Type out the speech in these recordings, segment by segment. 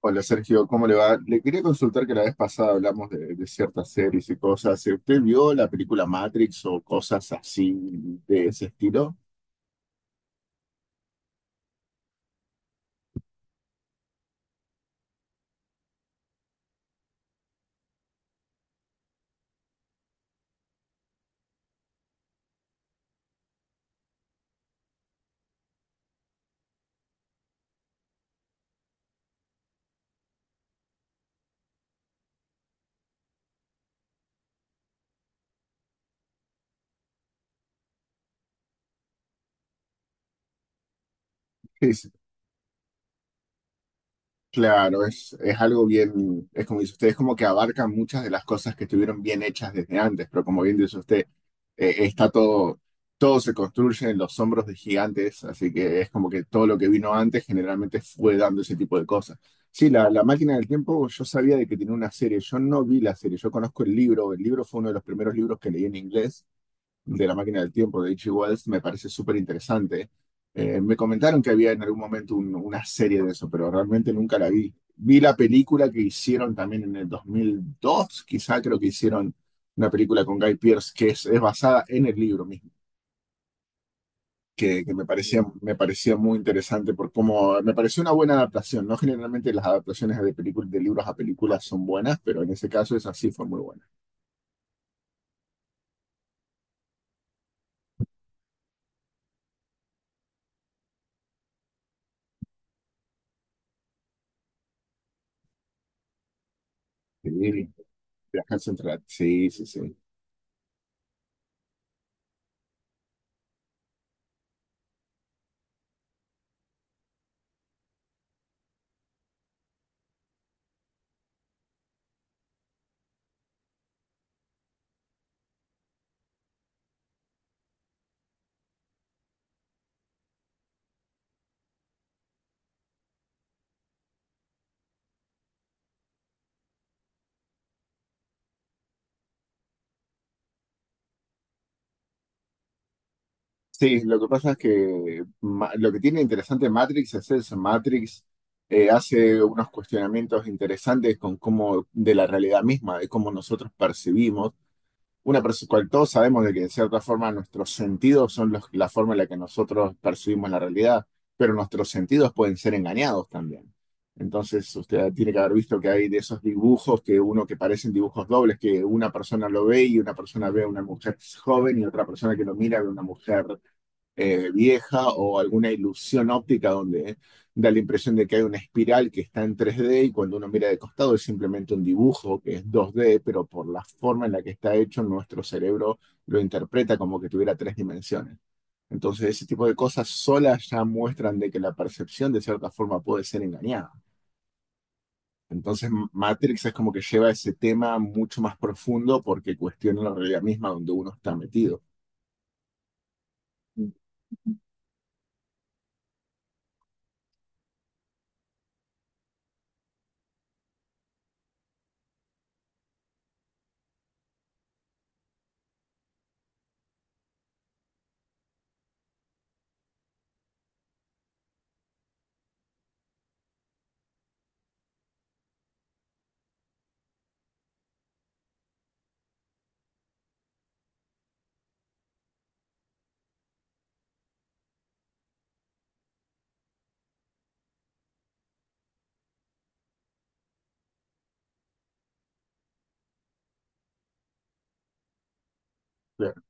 Hola Sergio, ¿cómo le va? Le quería consultar que la vez pasada hablamos de ciertas series y cosas. ¿Usted vio la película Matrix o cosas así de ese estilo? Claro, es algo bien, es como dice usted, es como que abarca muchas de las cosas que estuvieron bien hechas desde antes, pero como bien dice usted, eh, está todo, todo se construye en los hombros de gigantes, así que es como que todo lo que vino antes generalmente fue dando ese tipo de cosas. Sí, la máquina del tiempo, yo sabía de que tenía una serie, yo no vi la serie, yo conozco el libro fue uno de los primeros libros que leí en inglés de La máquina del tiempo de H.G. Wells me parece súper interesante. Me comentaron que había en algún momento una serie de eso, pero realmente nunca la vi. Vi la película que hicieron también en el 2002, quizá creo que hicieron una película con Guy Pearce que es basada en el libro mismo, que me parecía muy interesante por cómo me pareció una buena adaptación, ¿no? Generalmente las adaptaciones de películas, de libros a películas son buenas, pero en ese caso esa sí fue muy buena. Sí, viajarse entre sí, sí, sí. Sí, lo que pasa es que lo que tiene interesante Matrix es eso. Matrix hace unos cuestionamientos interesantes con cómo, de la realidad misma, de cómo nosotros percibimos. Cual todos sabemos de que de cierta forma nuestros sentidos son la forma en la que nosotros percibimos la realidad, pero nuestros sentidos pueden ser engañados también. Entonces, usted tiene que haber visto que hay de esos dibujos que uno que parecen dibujos dobles, que una persona lo ve y una persona ve a una mujer joven y otra persona que lo mira ve a una mujer vieja, o alguna ilusión óptica donde da la impresión de que hay una espiral que está en 3D y cuando uno mira de costado es simplemente un dibujo que es 2D, pero por la forma en la que está hecho, nuestro cerebro lo interpreta como que tuviera tres dimensiones. Entonces, ese tipo de cosas solas ya muestran de que la percepción de cierta forma puede ser engañada. Entonces, Matrix es como que lleva ese tema mucho más profundo porque cuestiona la realidad misma donde uno está metido. Claro.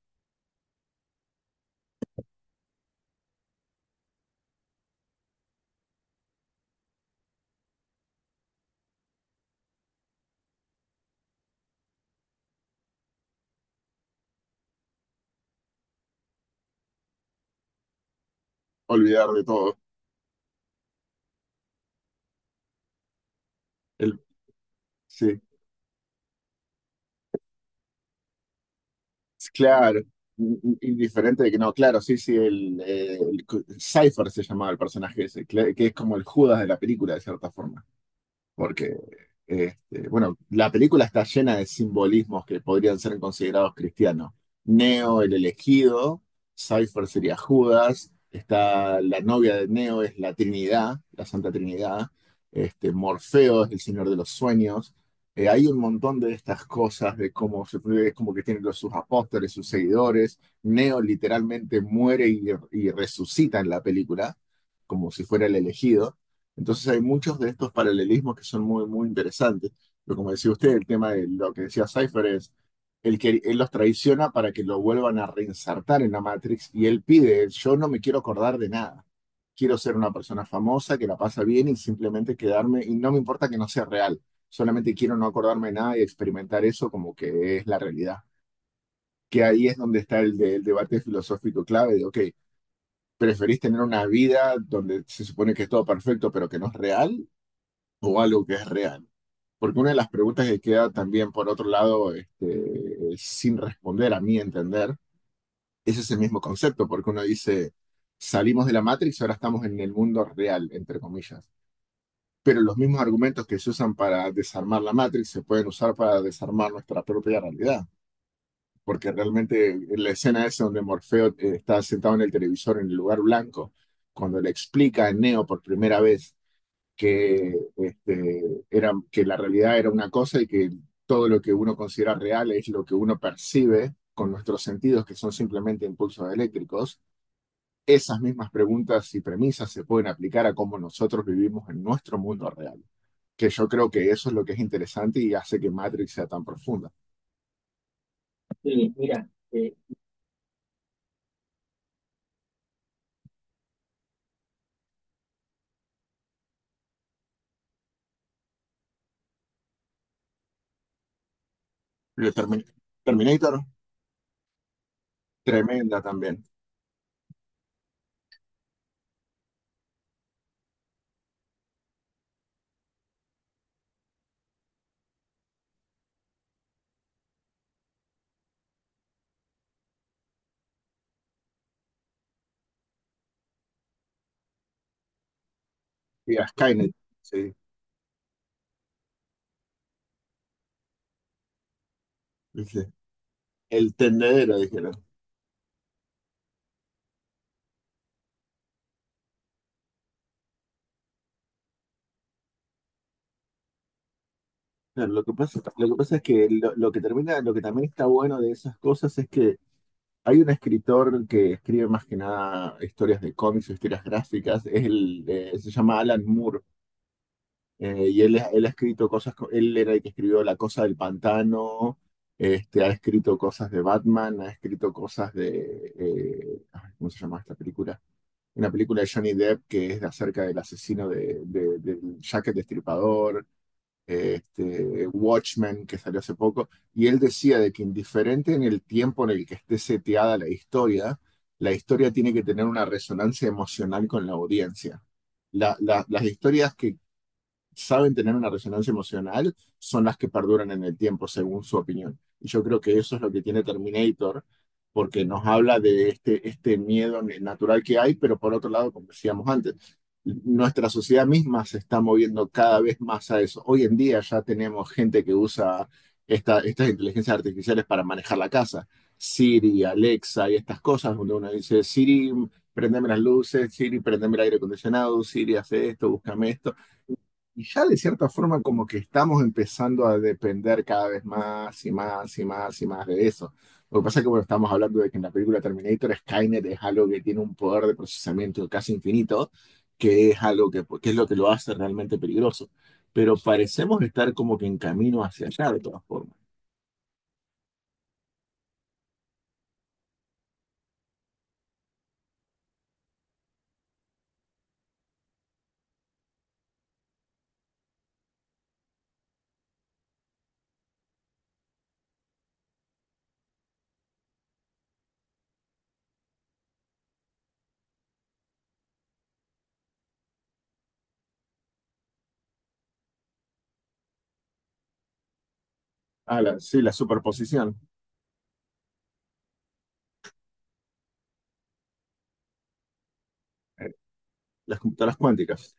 Olvidar de todo. El, sí. Claro, indiferente de que no, claro, sí, sí, el Cypher se llamaba el personaje ese, que es como el Judas de la película, de cierta forma, porque este, bueno, la película está llena de simbolismos que podrían ser considerados cristianos. Neo, el elegido, Cypher sería Judas, está la novia de Neo es la Trinidad, la Santa Trinidad, este, Morfeo es el Señor de los Sueños. Hay un montón de estas cosas de cómo se es como que tienen los, sus apóstoles, sus seguidores. Neo literalmente muere y resucita en la película, como si fuera el elegido. Entonces hay muchos de estos paralelismos que son muy, muy interesantes. Pero como decía usted, el tema de lo que decía Cypher es, el que él los traiciona para que lo vuelvan a reinsertar en la Matrix y él pide, yo no me quiero acordar de nada. Quiero ser una persona famosa que la pasa bien y simplemente quedarme, y no me importa que no sea real, solamente quiero no acordarme de nada y experimentar eso como que es la realidad. Que ahí es donde está el debate filosófico clave de, ok, ¿preferís tener una vida donde se supone que es todo perfecto pero que no es real? O algo que es real. Porque una de las preguntas que queda también, por otro lado, este, sin responder, a mi entender, es ese mismo concepto, porque uno dice, salimos de la Matrix, ahora estamos en el mundo real, entre comillas. Pero los mismos argumentos que se usan para desarmar la Matrix se pueden usar para desarmar nuestra propia realidad. Porque realmente la escena esa donde Morfeo está sentado en el televisor en el lugar blanco, cuando le explica a Neo por primera vez que, este, era, que la realidad era una cosa y que todo lo que uno considera real es lo que uno percibe con nuestros sentidos, que son simplemente impulsos eléctricos, esas mismas preguntas y premisas se pueden aplicar a cómo nosotros vivimos en nuestro mundo real, que yo creo que eso es lo que es interesante y hace que Matrix sea tan profunda. Sí, mira, Le Terminator, tremenda también. Y a Skynet, sí, dice, el tendedero, dijeron. Claro, lo que pasa es que lo que termina, lo que también está bueno de esas cosas es que hay un escritor que escribe más que nada historias de cómics o historias gráficas, es el, se llama Alan Moore, y él ha escrito cosas, él era el que escribió La Cosa del Pantano, este, ha escrito cosas de Batman, ha escrito cosas de, ay, ¿cómo se llama esta película? Una película de Johnny Depp que es acerca del asesino del Jack el Destripador, este, Watchmen, que salió hace poco, y él decía de que indiferente en el tiempo en el que esté seteada la historia tiene que tener una resonancia emocional con la audiencia. Las historias que saben tener una resonancia emocional son las que perduran en el tiempo, según su opinión. Y yo creo que eso es lo que tiene Terminator, porque nos habla de este miedo natural que hay, pero por otro lado, como decíamos antes, nuestra sociedad misma se está moviendo cada vez más a eso. Hoy en día ya tenemos gente que usa estas inteligencias artificiales para manejar la casa. Siri, Alexa y estas cosas, donde uno dice, Siri, prendeme las luces, Siri, prendeme el aire acondicionado, Siri, hace esto, búscame esto. Y ya de cierta forma como que estamos empezando a depender cada vez más y más y más y más de eso. Lo que pasa es que bueno, estamos hablando de que en la película Terminator Skynet es algo que tiene un poder de procesamiento casi infinito, que es algo que es lo que lo hace realmente peligroso. Pero parecemos estar como que en camino hacia allá de todas formas. Ah, sí, la superposición, eh, las computadoras cuánticas.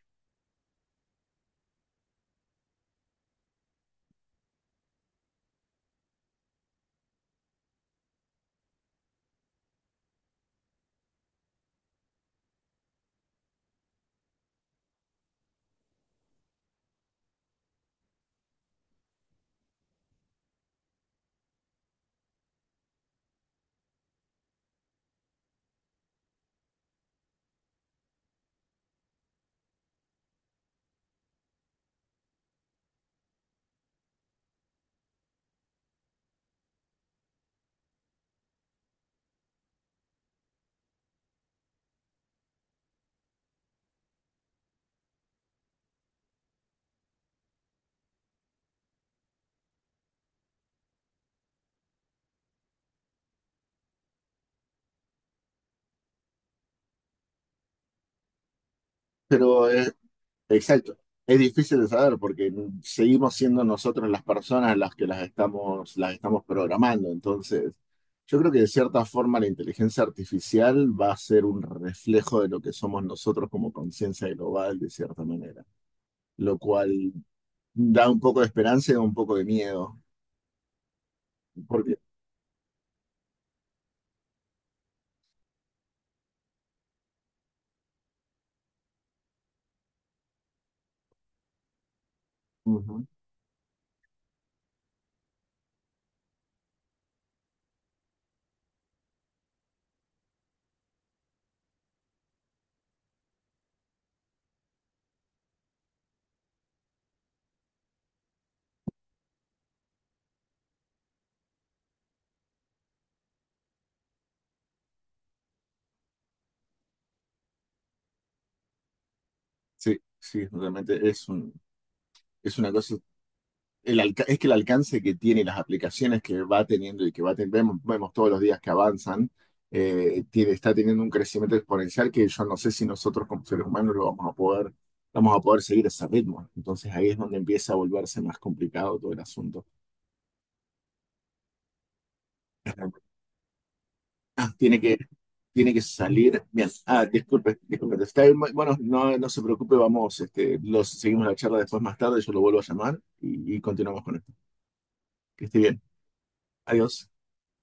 Pero exacto. Es difícil de saber porque seguimos siendo nosotros las personas las que las estamos programando. Entonces, yo creo que de cierta forma la inteligencia artificial va a ser un reflejo de lo que somos nosotros como conciencia global, de cierta manera. Lo cual da un poco de esperanza y da un poco de miedo. Porque, ujú, sí, sí, realmente es un, es una cosa es que el alcance que tiene las aplicaciones que va teniendo y que va vemos, vemos todos los días que avanzan, tiene, está teniendo un crecimiento exponencial que yo no sé si nosotros como seres humanos lo vamos a poder seguir ese ritmo. Entonces ahí es donde empieza a volverse más complicado todo el asunto. Ah, tiene que salir. Bien. Ah, disculpe, disculpe. Está bien, bueno, no, no se preocupe, vamos, este, los, seguimos la charla después más tarde, yo lo vuelvo a llamar y continuamos con esto. Que esté bien. Adiós.